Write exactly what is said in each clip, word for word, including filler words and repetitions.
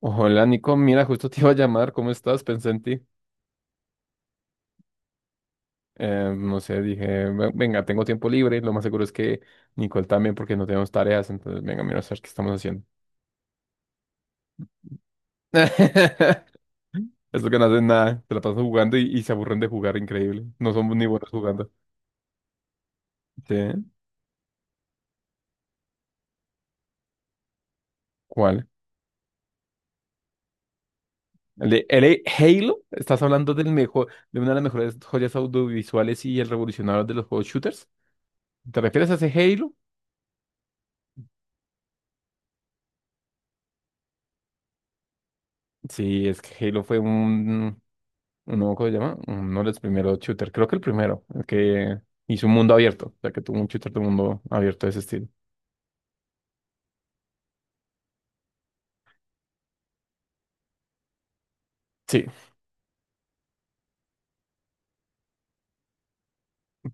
Hola Nico, mira, justo te iba a llamar, ¿cómo estás? Pensé en ti. Eh, no sé, dije, "Ve- venga, tengo tiempo libre, lo más seguro es que Nicole también porque no tenemos tareas, entonces venga, mira, a ver qué estamos haciendo. Esto que no hacen nada, se la pasan jugando y, y se aburren de jugar, increíble. No somos ni buenos jugando. ¿Sí? ¿Cuál? ¿El de, el de Halo? ¿Estás hablando del mejor, de una de las mejores joyas audiovisuales y el revolucionario de los juegos shooters? ¿Te refieres a ese Halo? Sí, es que Halo fue un, no, me acuerdo, ¿cómo se llama? Uno de los primeros shooters, creo que el primero, el que hizo un mundo abierto, o sea, que tuvo un shooter de mundo abierto de ese estilo. Sí,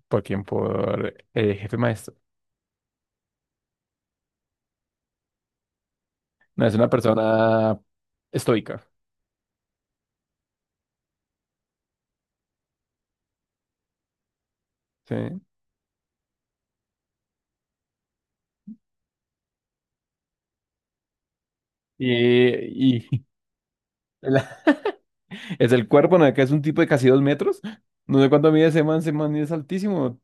por quien, por el jefe maestro. No, es una persona estoica, ¿sí? Y, y la- es el cuerpo, ¿no? Que es un tipo de casi dos metros. No sé cuánto mide ese man, ese man es altísimo.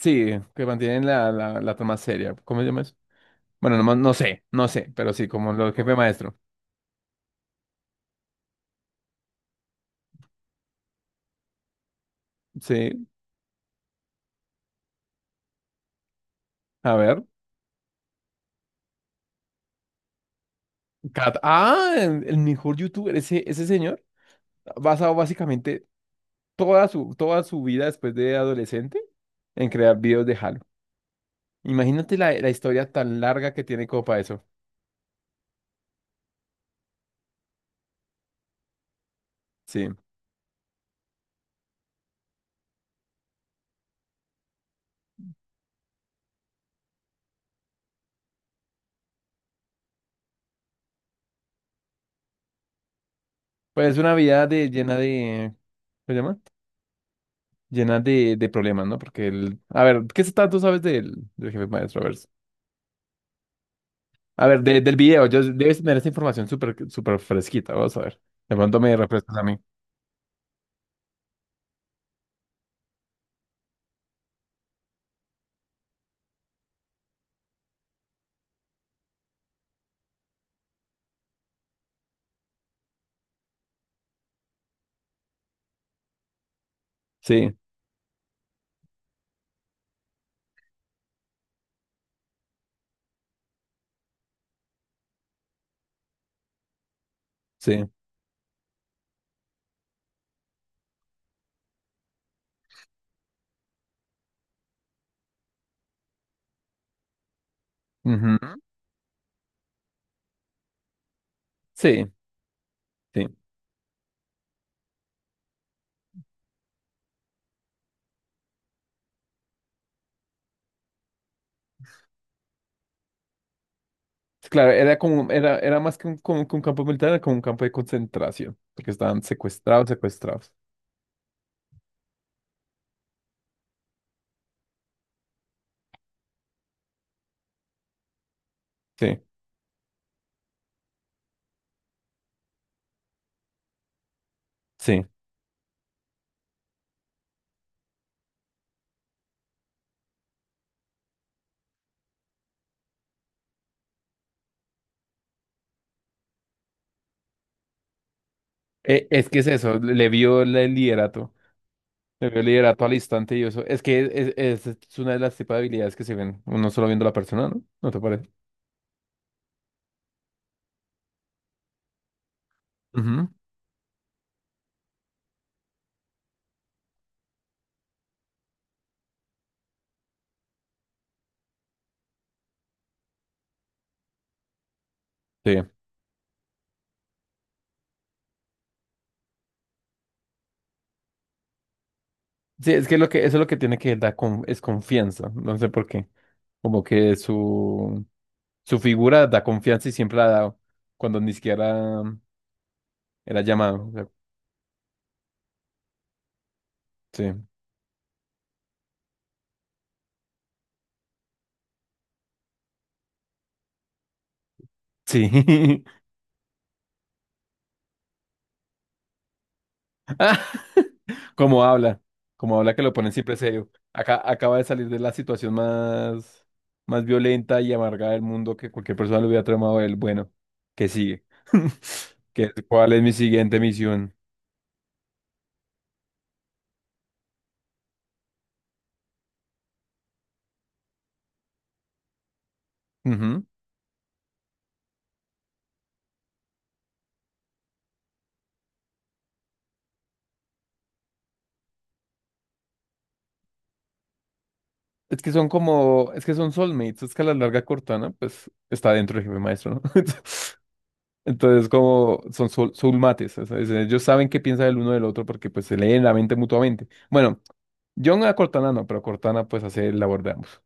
Sí, que mantienen la, la, la toma seria. ¿Cómo se llama eso? Bueno, no, no sé, no sé, pero sí, como el jefe maestro. Sí, a ver. Cat- Ah, el mejor youtuber, ese, ese señor, ha basado básicamente toda su, toda su vida después de adolescente en crear videos de Halo. Imagínate la, la historia tan larga que tiene como para eso. Sí. Pues es una vida de, llena de, ¿qué se llama? Llena de, de problemas, ¿no? Porque el, a ver, ¿qué tanto sabes del, del jefe maestro? A ver, a ver, de- del video, yo, debes tener esa información súper, súper fresquita, vamos a ver. De pronto me refrescas a mí. Sí, sí. Ujú. Sí, sí. Claro, era como, era, era más que un, como que un campo militar, era como un campo de concentración, porque estaban secuestrados, secuestrados. Sí, sí. E- es que es eso, le le vio el liderato, le vio el liderato al instante y eso. Es que es, es- es una de las tipos de habilidades que se ven, uno solo viendo a la persona, ¿no? ¿No te parece? Ujú. Sí. Sí, es que lo que, eso es lo que tiene que dar con, es confianza, no sé por qué. Como que su, su figura da confianza y siempre la ha dado, cuando ni siquiera era llamado. O sea, sí. Sí. Ah, como habla, como habla que lo ponen siempre serio. Acá acaba de salir de la situación más, más violenta y amarga del mundo que cualquier persona le hubiera tramado a él. Bueno, ¿qué sigue? ¿Qué, cuál es mi siguiente misión? Ujú. Es que son como, es que son soulmates, es que a la larga Cortana, pues, está dentro del jefe maestro, ¿no? Entonces, como son soul, soulmates, o sea, es- ellos saben qué piensa el uno del otro porque, pues, se leen la mente mutuamente. Bueno, John a Cortana no, pero Cortana, pues, hace el labor de ambos.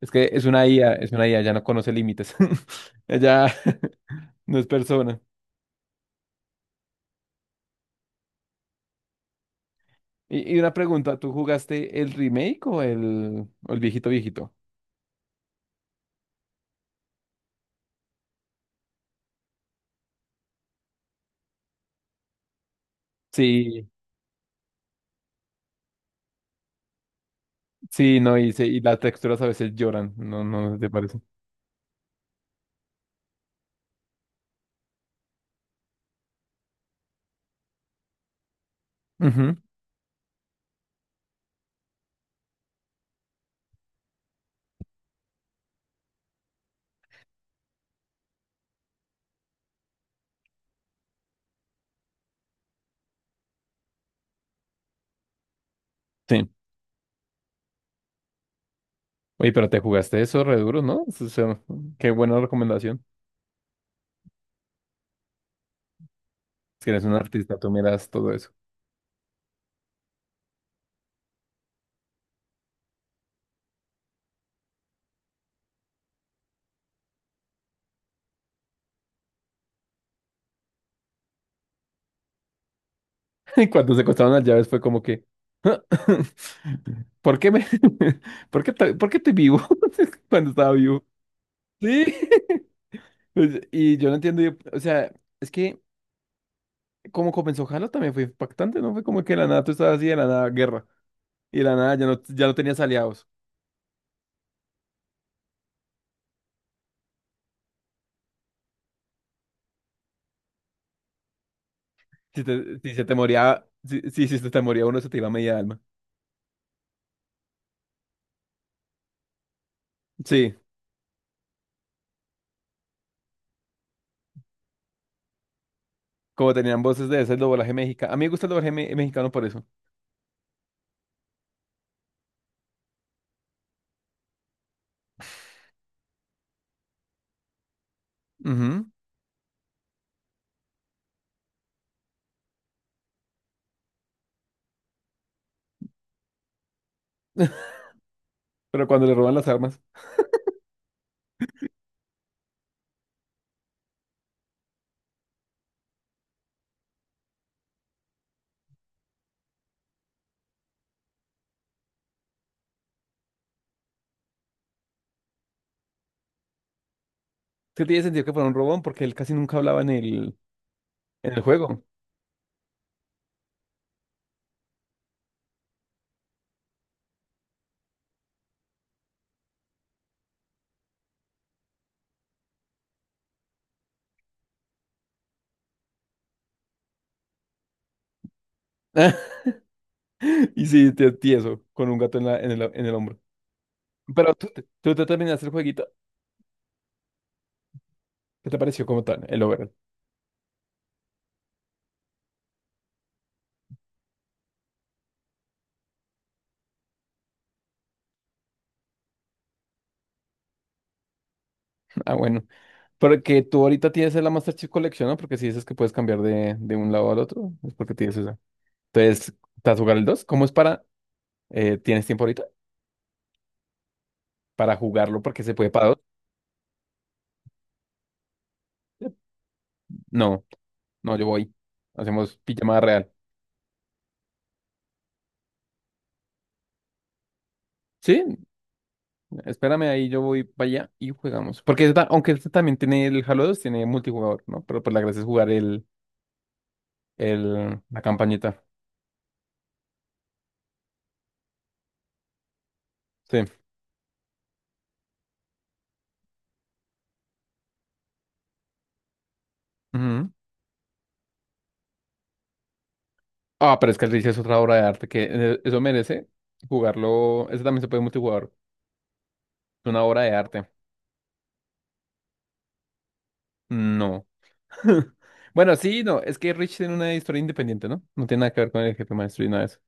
Es que es una I A, es una I A, ya no conoce límites. Ella no es persona. Y, y una pregunta, ¿tú jugaste el remake o el, o el viejito viejito? Sí, sí, no, y, se- y las texturas a veces lloran, no, no te parece. Ujú, sí. Oye, pero te jugaste eso re duro, ¿no? O sea, qué buena recomendación. Si eres un artista, tú miras todo eso. Y cuando se costaron las llaves fue como que, ¿por qué me, por qué, ta- por qué estoy vivo? Cuando estaba vivo. Sí. Pues, y yo no entiendo, yo- o sea, es que como comenzó Halo también fue impactante, ¿no? Fue como que de la nada tú estabas así, de la nada guerra, y de la nada ya no, ya no tenías aliados. Si, te- si se te moría, si, si, si se te moría uno, se te iba media alma. Sí, como tenían voces de ese doblaje mexicano. A mí me gusta el doblaje me- mexicano por eso. Ujú. Pero cuando le roban las armas, sí tiene sentido que fuera un robón porque él casi nunca hablaba en el, en el juego. Y sí, te- tieso, con un gato en, la, en el, en el hombro. Pero tú, te- tú te terminaste el jueguito. ¿Qué te pareció como tal, el over? Ah, bueno. Porque tú ahorita tienes la Master Chief Collection, ¿no? Porque si dices que puedes cambiar de, de un lado al otro, es porque tienes esa. Entonces, ¿estás jugar el dos? ¿Cómo es para...? Eh, ¿tienes tiempo ahorita para jugarlo? Porque se puede para dos. No, no, yo voy. Hacemos pijamada real. Sí, espérame ahí, yo voy para allá y jugamos. Porque esta- aunque este también tiene el Halo dos, tiene multijugador, ¿no? Pero pues la gracia es jugar el, el, la campañita. Sí. Ujú. Ah, pero es que el Reach es otra obra de arte que eh, eso merece jugarlo. Ese también se puede multijugador, una obra de arte. No. Bueno, sí, no. Es que Rich tiene una historia independiente, ¿no? No tiene nada que ver con el jefe maestro y nada de eso.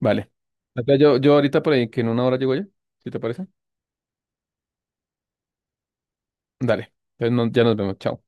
Vale. Entonces, Yo, yo ahorita por ahí, que en una hora llego yo, si te parece. Dale. Entonces no- ya nos vemos. Chao.